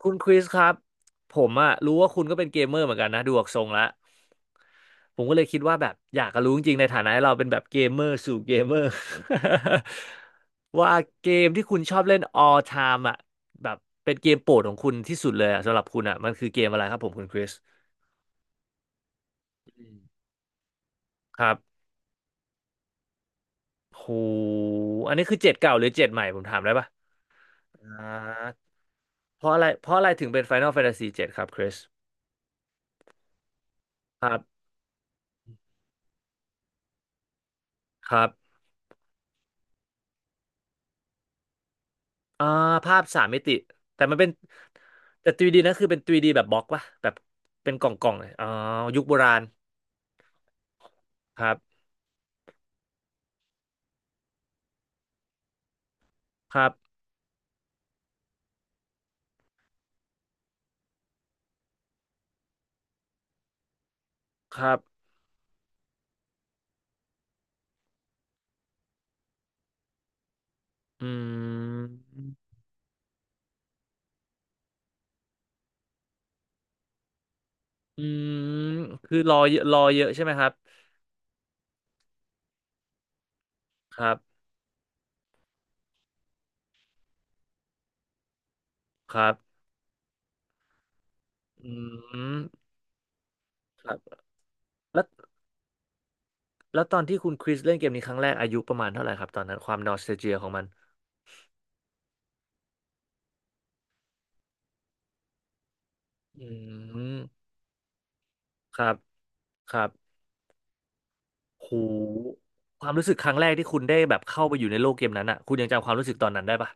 คุณคริสครับผมอะรู้ว่าคุณก็เป็นเกมเมอร์เหมือนกันนะดูออกทรงแล้วผมก็เลยคิดว่าแบบอยากจะรู้จริงๆในฐานะที่เราเป็นแบบเกมเมอร์สู่เกมเมอร์ ว่าเกมที่คุณชอบเล่น all time อะแบบเป็นเกมโปรดของคุณที่สุดเลยอะสำหรับคุณอะมันคือเกมอะไรครับผมคุณคริสอืมครับโหอันนี้คือเจ็ดเก่าหรือเจ็ดใหม่ผมถามได้ปะอ่าเพราะอะไรเพราะอะไรถึงเป็น Final Fantasy เจ็ดครับคริสครับครับ อ่าภาพสามมิติแต่มันเป็นแต่ 3D นะคือเป็นทรีดีแบบบล็อกปะแบบเป็นกล่องกล่องเลยอ๋อยุคโบราณครับครับครับอืมอืมคือรอเยอะใช่ไหมครับครับครับอืมครับแล้วแล้วตอนที่คุณคริสเล่นเกมนี้ครั้งแรกอายุประมาณเท่าไหร่ครับตอนนั้นความนอสเ a ลเจียของมันอืมครับครับโหความรู้สึกครั้งแรกที่คุณได้แบบเข้าไปอยู่ในโลกเกมนั้นอ่ะคุณยังจำความรู้สึกตอนนั้นได้ปะ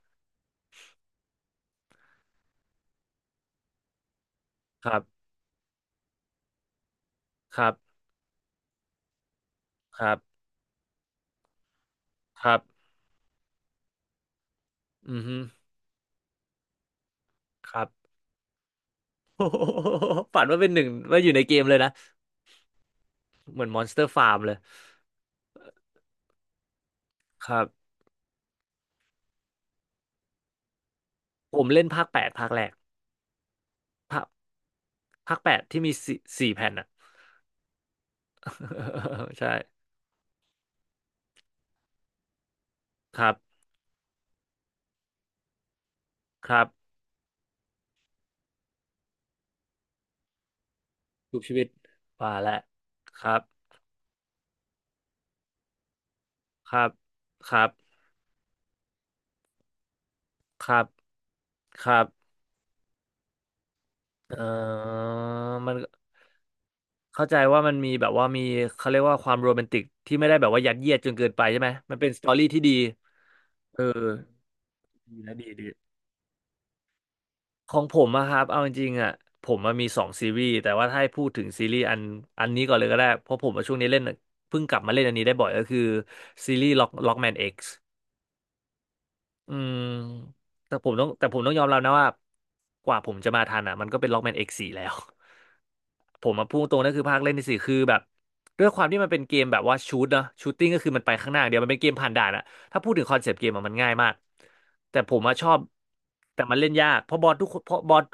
ครับ ครับ ครับครับอือฮึครับ ฝันว่าเป็นหนึ่งว่าอยู่ในเกมเลยนะ เหมือน Monster Farm เลย ครับผมเล่นภาคแปดภาคแรกภาคภาคแปดที่มีสี่แผ่นอ่ะ ใช่ครับครับทุกชีวิตว่าแล้วครับ ครับ ครับ ครับ ครับเอ่อมันเข้าใจว่ามันมีแบบว่ามีเขาเรียกว่าความโรแมนติกที่ไม่ได้แบบว่ายัดเยียดจนเกินไปใช่ไหมมันเป็นสตอรี่ที่ดีเออ ดีนะดีดีของผมอะครับเอาจริงๆอะผมมันมีสองซีรีส์แต่ว่าถ้าให้พูดถึงซีรีส์อันนี้ก่อนเลยก็ได้เพราะผมว่าช่วงนี้เล่นเพิ่งกลับมาเล่นอันนี้ได้บ่อยก็คือซีรีส์ Lockman X อืมแต่ผมต้องยอมรับนะว่ากว่าผมจะมาทันอ่ะมันก็เป็นล็อกแมนเอกซ์สี่แล้ว ผมมาพูดตรงนั่นคือภาคเล่นที่สี่คือแบบด้วยความที่มันเป็นเกมแบบว่าชูตเนอะชูตติ้งก็คือมันไปข้างหน้าอย่างเดียวมันเป็นเกมผ่านด่านอะถ้าพูดถึงคอนเซปต์เกมอะมันง่ายมากแต่ผมอะชอบแต่มันเล่นยากเพราะบอสทุกคนเพราะบอส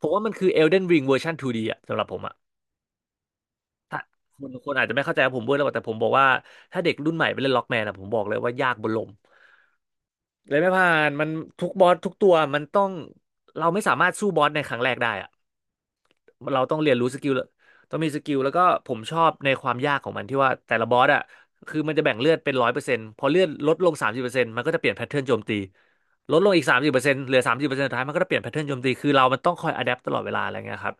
ผมว่ามันคือ Elden Ring เวอร์ชัน 2D อะสำหรับผมอะถ้าคนอาจจะไม่เข้าใจว่าผมพูดแล้วแต่ผมบอกว่าถ้าเด็กรุ่นใหม่ไปเล่นล็อกแมนอะผมบอกเลยว่ายากบนลม เลยไม่ผ่านมันทุกบอสทุกตัวมันต้องเราไม่สามารถสู้บอสในครั้งแรกได้อะเราต้องเรียนรู้สกิลต้องมีสกิลแล้วก็ผมชอบในความยากของมันที่ว่าแต่ละบอสอ่ะคือมันจะแบ่งเลือดเป็น100%พอเลือดลดลงสามสิบเปอร์เซ็นต์มันก็จะเปลี่ยนแพทเทิร์นโจมตีลดลงอีกสามสิบเปอร์เซ็นต์เหลือสามสิบเปอร์เซ็นต์สุดท้ายมันก็จะเปลี่ยนแพทเทิร์นโจมตีคือเรามันต้องคอยอะแดปตลอดเวลาอะไรเงี้ยครับ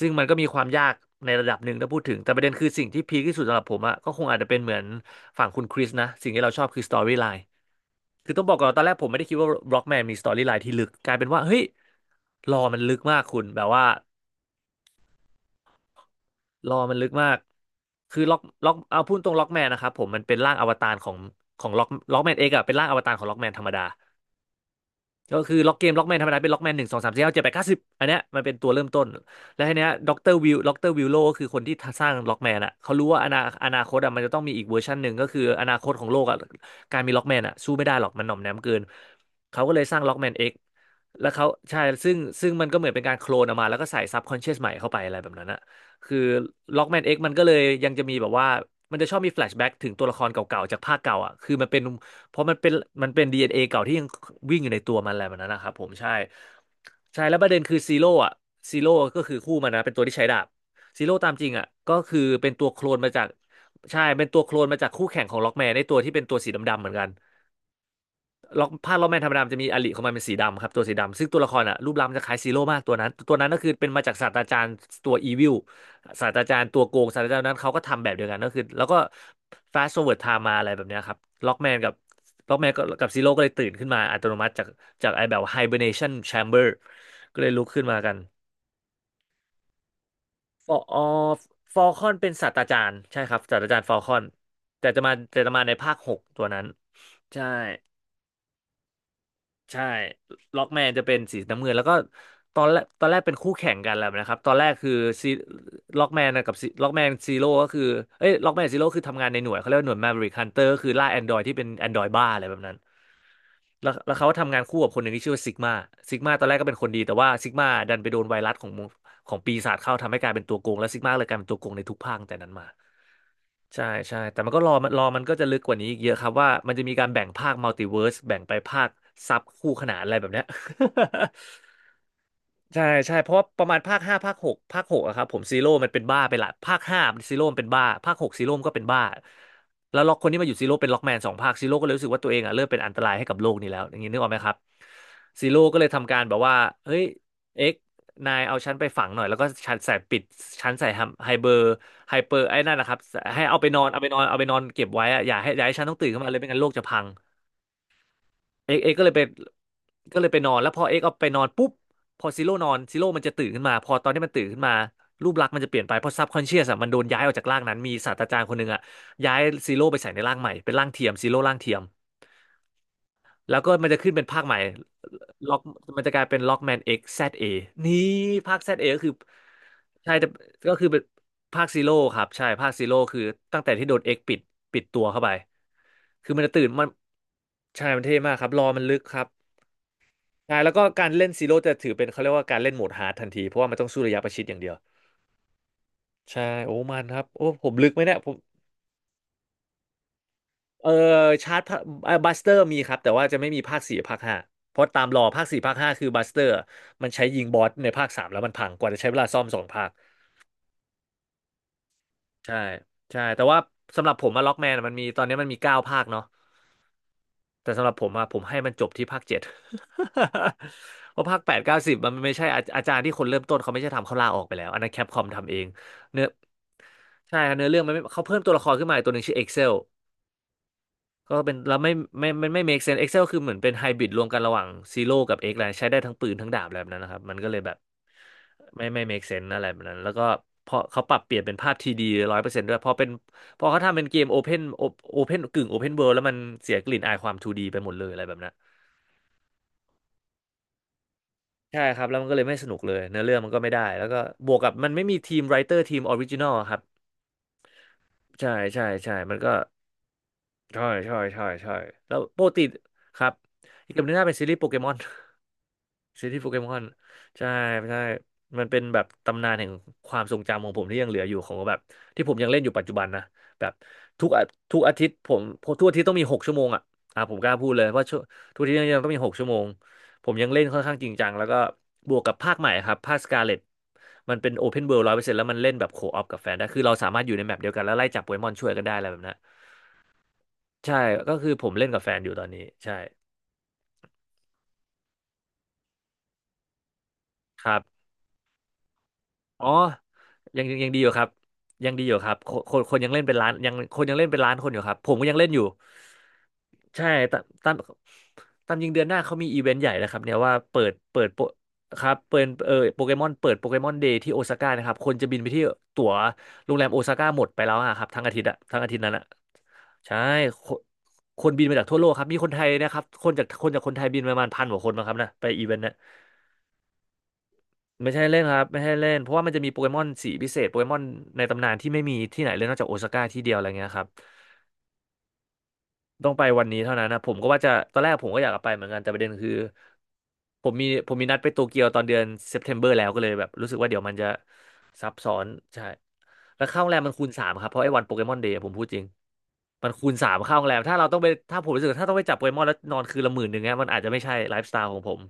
ซึ่งมันก็มีความยากในระดับหนึ่งถ้าพูดถึงแต่ประเด็นคือสิ่งที่พีคที่สุดสำหรับผมอะก็คงอาจจะเป็นเหมือนฝั่งคุณคริสนะสิ่งที่เราชอบคือสตอรี่ไลน์คือต้องบอกก่อนว่าตอนแรกผมไม่ได้คิดว่าบล็อกแมนมีสตอรี่ไลน์ที่ลึกกลายเป็นว่าเฮ้ยรอมันลึกมากคุณแบบว่ารอมันลึกมากคือล็อกล็อกเอาพูดตรงล็อกแมนนะครับผมมันเป็นร่างอวตารของล็อกแมนเองอะเป็นร่างอวตารของล็อกแมนธรรมดา ก็คือล็อกเกมล็อกแมนธรรมดาเป็นล็อกแมนหนึ่งสองสามสี่ห้าเจ็ดแปดเก้าสิบอันเนี้ยมันเป็นตัวเริ่มต้นแล้วทีเนี้ยด็อกเตอร์วิลโลก็คือคนที่สร้างล็อกแมนอ่ะเขารู้ว่าอนาคตอ่ะมันจะต้องมีอีกเวอร์ชันหนึ่งก็คืออนาคตของโลกอ่ะการมีล็อกแมนอ่ะสู้ไม่ได้หรอกมันหน่อมแนมเกินเขาก็เลยสร้างล็อกแมนเอ็กแล้วเขาใช่ซึ่งมันก็เหมือนเป็นการโคลนออกมาแล้วก็ใส่ซับคอนเชียสใหม่เข้าไปอะไรแบบนั้นอ่ะคือล็อกแมนเอ็กมันก็เลยยังจะมีแบบว่ามันจะชอบมีแฟลชแบ็กถึงตัวละครเก่าๆจากภาคเก่าอ่ะคือมันเป็น เพราะมันเป็น DNA เอ็นเอเก่าที่ยังวิ่งอยู่ในตัวมันอะไรแบบนั้นนะครับผมใช่ใช่แล้วประเด็นคือซีโร่อะซีโร่ก็คือคู่มันนะเป็นตัวที่ใช้ดาบซีโร่ตามจริงอะก็คือเป็นตัวโคลนมาจากใช่เป็นตัวโคลนมาจากคู่แข่งของล็อกแมนในตัวที่เป็นตัวสีดำๆเหมือนกัน ล็อกแมนธรรมดามันจะมีอลิของมันเป็นสีดำครับตัวสีดำซึ่งตัวละครอ่ะรูปร่างมันจะคล้ายซีโร่มากตัวนั้นก็คือเป็นมาจากศาสตราจารย์ตัวอีวิลศาสตราจารย์ตัวโกงศาสตราจารย์นั้นเขาก็ทำแบบเดียวกันก็คือแล้วก็ fast forward time มาอะไรแบบเนี้ยครับล็อกแมนกับล็อกแมนก็ับซีโร่ก็เลยตื่นขึ้นมาอัตโนมัติจากจากไอแบบ hibernation chamber ก็เลยลุกขึ้นมากันฟออฟอลคอนเป็นศาสตราจารย์ใช่ครับศาสตราจารย์ฟอลคอนแต่จะมาในภาคหกตัวนั้นใช่ ใช่ล็อกแมนจะเป็นสีน้ำเงินแล้วก็ตอนแรกเป็นคู่แข่งกันแล้วนะครับตอนแรกคือซีล็อกแมนกับล็อกแมนซีโร่ก็คือเอ้ยล็อกแมนซีโร่คือทำงานในหน่วยเขาเรียกว่าหน่วยแมวริกฮันเตอร์ก็คือล่าแอนดรอยที่เป็นแอนดรอยบ้าอะไรแบบนั้นแล้วเขาทำงานคู่กับคนหนึ่งที่ชื่อว่าซิกมาซิกมาตอนแรกก็เป็นคนดีแต่ว่าซิกมาดันไปโดนไวรัสของ ของปีศาจเข้าทำให้กลายเป็นตัวโกงและซิกมาเลยกลายเป็นตัวโกงในทุกภาคตั้งแต่นั้นมาใช่ใช่แต่มันก็รอมันก็จะลึกกว่านี้อีกเยอะครับว่ามันจะมีการแบ่งภาคมัลติเวิร์สแบ่งไปภาคซับคู่ขนานอะไรแบบเนี้ย ใช่ใช่เพราะว่าประมาณภาคห้าภาคหกภาคหกอะครับผมซีโร่มันเป็นบ้าไปละภาคห้าซีโร่มันเป็นบ้าภาคหกซีโร่มันก็เป็นบ้าแล้วล็อกคนที่มาอยู่ซีโร่เป็นล็อกแมนสองภาคซีโร่ก็เลยรู้สึกว่าตัวเองอะเริ่มเป็นอันตรายให้กับโลกนี้แล้วอย่างนี้นึกออกไหมครับซีโร่ก็เลยทำการแบบว่าเฮ้ยเอ็กนายเอาฉันไปฝังหน่อยแล้วก็ฉันใส่ไฮเบอร์ไฮเปอร์ไอ้นั่นนะครับให้เอาไปนอนเอาไปนอนเอาไปนอนเก็บไว้อะอย่าให้ฉันต้องตื่นขึ้นมาเลยไม่งั้นโลกจะพัง เอกก็เลยไปก็เลยไปนอนแล้วพอเอกเอาไปนอนปุ๊บพอซีโร่นอนซีโร่มันจะตื่นขึ้นมาพอตอนที่มันตื่นขึ้นมารูปลักษณ์มันจะเปลี่ยนไปเพราะซับคอนเชียสอะมันโดนย้ายออกจากร่างนั้นมีศาสตราจารย์คนหนึ่งอะย้ายซีโร่ไปใส่ในร่างใหม่เป็นร่างเทียมซีโร่ร่างเทียมแล้วก็มันจะขึ้นเป็นภาคใหม่ล็อกมันจะกลายเป็นล็อกแมนเอ็กแซดเอนี่ภาคแซดเอก็คือใช่แต่ก็คือเป็นภาคซีโร่ครับใช่ภาคซีโร่คือตั้งแต่ที่โดนเอ็กปิดตัวเข้าไปคือมันจะตื่นมันใช่มันเท่มากครับรอมันลึกครับ ใช่แล้วก็การเล่นซีโร่จะถือเป็นเขาเรียกว่าการเล่นโหมดฮาร์ดทันทีเพราะว่ามันต้องสู้ระยะประชิดอย่างเดียวใช่โอ้มันครับโอ้ผมลึกไหมเนี่ยผมเออชาร์จบัสเตอร์มีครับแต่ว่าจะไม่มีภาคสี่ภาคห้าเพราะตามรอภาคสี่ภาคห้าคือบัสเตอร์มันใช้ยิงบอสในภาคสามแล้วมันพังกว่าจะใช้เวลาซ่อมสองภาคใช่ใช่แต่ว่าสำหรับผมอะล็อกแมนมันมีตอนนี้มันมีเก้าภาคเนาะ แต่สำหรับผมอะผมให้มันจบที่ภาคเจ็ด เพราะภาคแปดเก้าสิบมันไม่ใช่อาจารย์ที่คนเริ่มต้นเขาไม่ใช่ทำเขาลาออกไปแล้วอันนั้นแคปคอมทำเองเนื้อใช่ครับเนื้อเรื่องมันไม่เขาเพิ่มตัวละครขึ้นมาอีกตัวหนึ่งชื่อ Excel ก็เป็นแล้วไม่ไม่ make sense Excel คือเหมือนเป็นไฮบริดรวมกันระหว่างซีโร่กับ X แล้วใช้ได้ทั้งปืนทั้งดาบอะไรแบบนั้นนะครับมันก็เลยแบบไม่ make sense อะไรแบบนั้นแล้วก็พอเขาปรับเปลี่ยนเป็นภาพทีดีร้อยเปอร์เซ็นต์ด้วยพอเป็นพอเขาทำเป็นเกมโอเพนโอเพนกึ่งโอเพนเวิลด์แล้วมันเสียกลิ่นอายความทูดีไปหมดเลยอะไรแบบนั้น ใช่ครับแล้วมันก็เลยไม่สนุกเลยเนื้อเรื่องมันก็ไม่ได้แล้วก็บวกกับมันไม่มีทีมไรเตอร์ทีมออริจินอลครับใช่ใช่ใช่มันก็ใช่ใช่ใช่ใช่แล้วปกติครับอีกเรื่องหนึงน่าเป็นซีรีส์โปเกมอน ซีรีส์โปเกมอนใช่ใช่มันเป็นแบบตำนานแห่งความทรงจำของผมที่ยังเหลืออยู่ของแบบที่ผมยังเล่นอยู่ปัจจุบันนะแบบทุกอาทุกอาทิตย์ผมทุกอาทิตย์ต้องมีหกชั่วโมงอ่ะผมกล้าพูดเลยว่าชั่วทุกอาทิตย์ยังต้องมีหกชั่วโมงผมยังเล่นค่อนข้างจริงจังแล้วก็บวกกับภาคใหม่ครับภาคสกาเลตมันเป็นโอเพนเวิลด์ร้อยเปอร์เซ็นต์แล้วมันเล่นแบบโคออปกับแฟนได้คือเราสามารถอยู่ในแมปเดียวกันแล้วไล่จับโปเกมอนช่วยกันได้อะไรแบบนั้นใช่ก็คือผมเล่นกับแฟนอยู่ตอนนี้ใช่ครับ อ๋อยังดีอยู่ครับยังดีอยู่ครับคนยังเล่นเป็นล้านยังคนยังเล่นเป็นล้านคนอยู่ครับผมก็ยังเล่นอยู่ใช่ตามตามตามยิงเดือนหน้าเขามีอีเวนต์ใหญ่นะครับเนี่ยว่าเปิดโปครับเปิดโปเกมอนเปิดโปเกมอนเดย์ที่โอซาก้านะครับคนจะบินไปที่ตั๋วโรงแรมโอซาก้าหมดไปแล้วอะครับทั้งอาทิตย์อะทั้งอาทิตย์นั้นอะใช่คนคนบินมาจากทั่วโลกครับมีคนไทยนะครับคนจากคนจากคนไทยบินประมาณ1,000 กว่าคนมาครับนะไปอีเวนต์นะ ไม่ใช่เล่นครับไม่ใช่เล่นเพราะว่ามันจะมีโปเกมอนสีพิเศษโปเกมอนในตำนานที่ไม่มีที่ไหนเลยนอกจากโอซาก้าที่เดียวอะไรเงี้ยครับ ต้องไปวันนี้เท่านั้นนะผมก็ว่าจะตอนแรกผมก็อยากจะไปเหมือนกันแต่ประเด็นคือผมมีนัดไปโตเกียวตอนเดือนเซปเทมเบอร์แล้วก็เลยแบบรู้สึกว่าเดี๋ยวมันจะซับซ้อนใช่แล้วค่าโรงแรมมันคูณสามครับเพราะไอ้วันโปเกมอนเดย์ผมพูดจริงมันคูณสามค่าโรงแรมถ้าเราต้องไปถ้าผมรู้สึกว่าถ้าต้องไปจับโปเกมอนแล้วนอนคืนละ11,000เนี้ยมันอาจจะไม่ใช่ไลฟ์สไตล์ของผม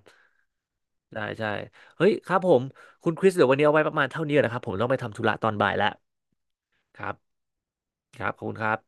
ใช่ใช่เฮ้ยครับผมคุณคริสเดี๋ยววันนี้เอาไว้ประมาณเท่านี้นะครับผมต้องไปทำธุระตอนบ่ายแล้วครับครับขอบคุณครับ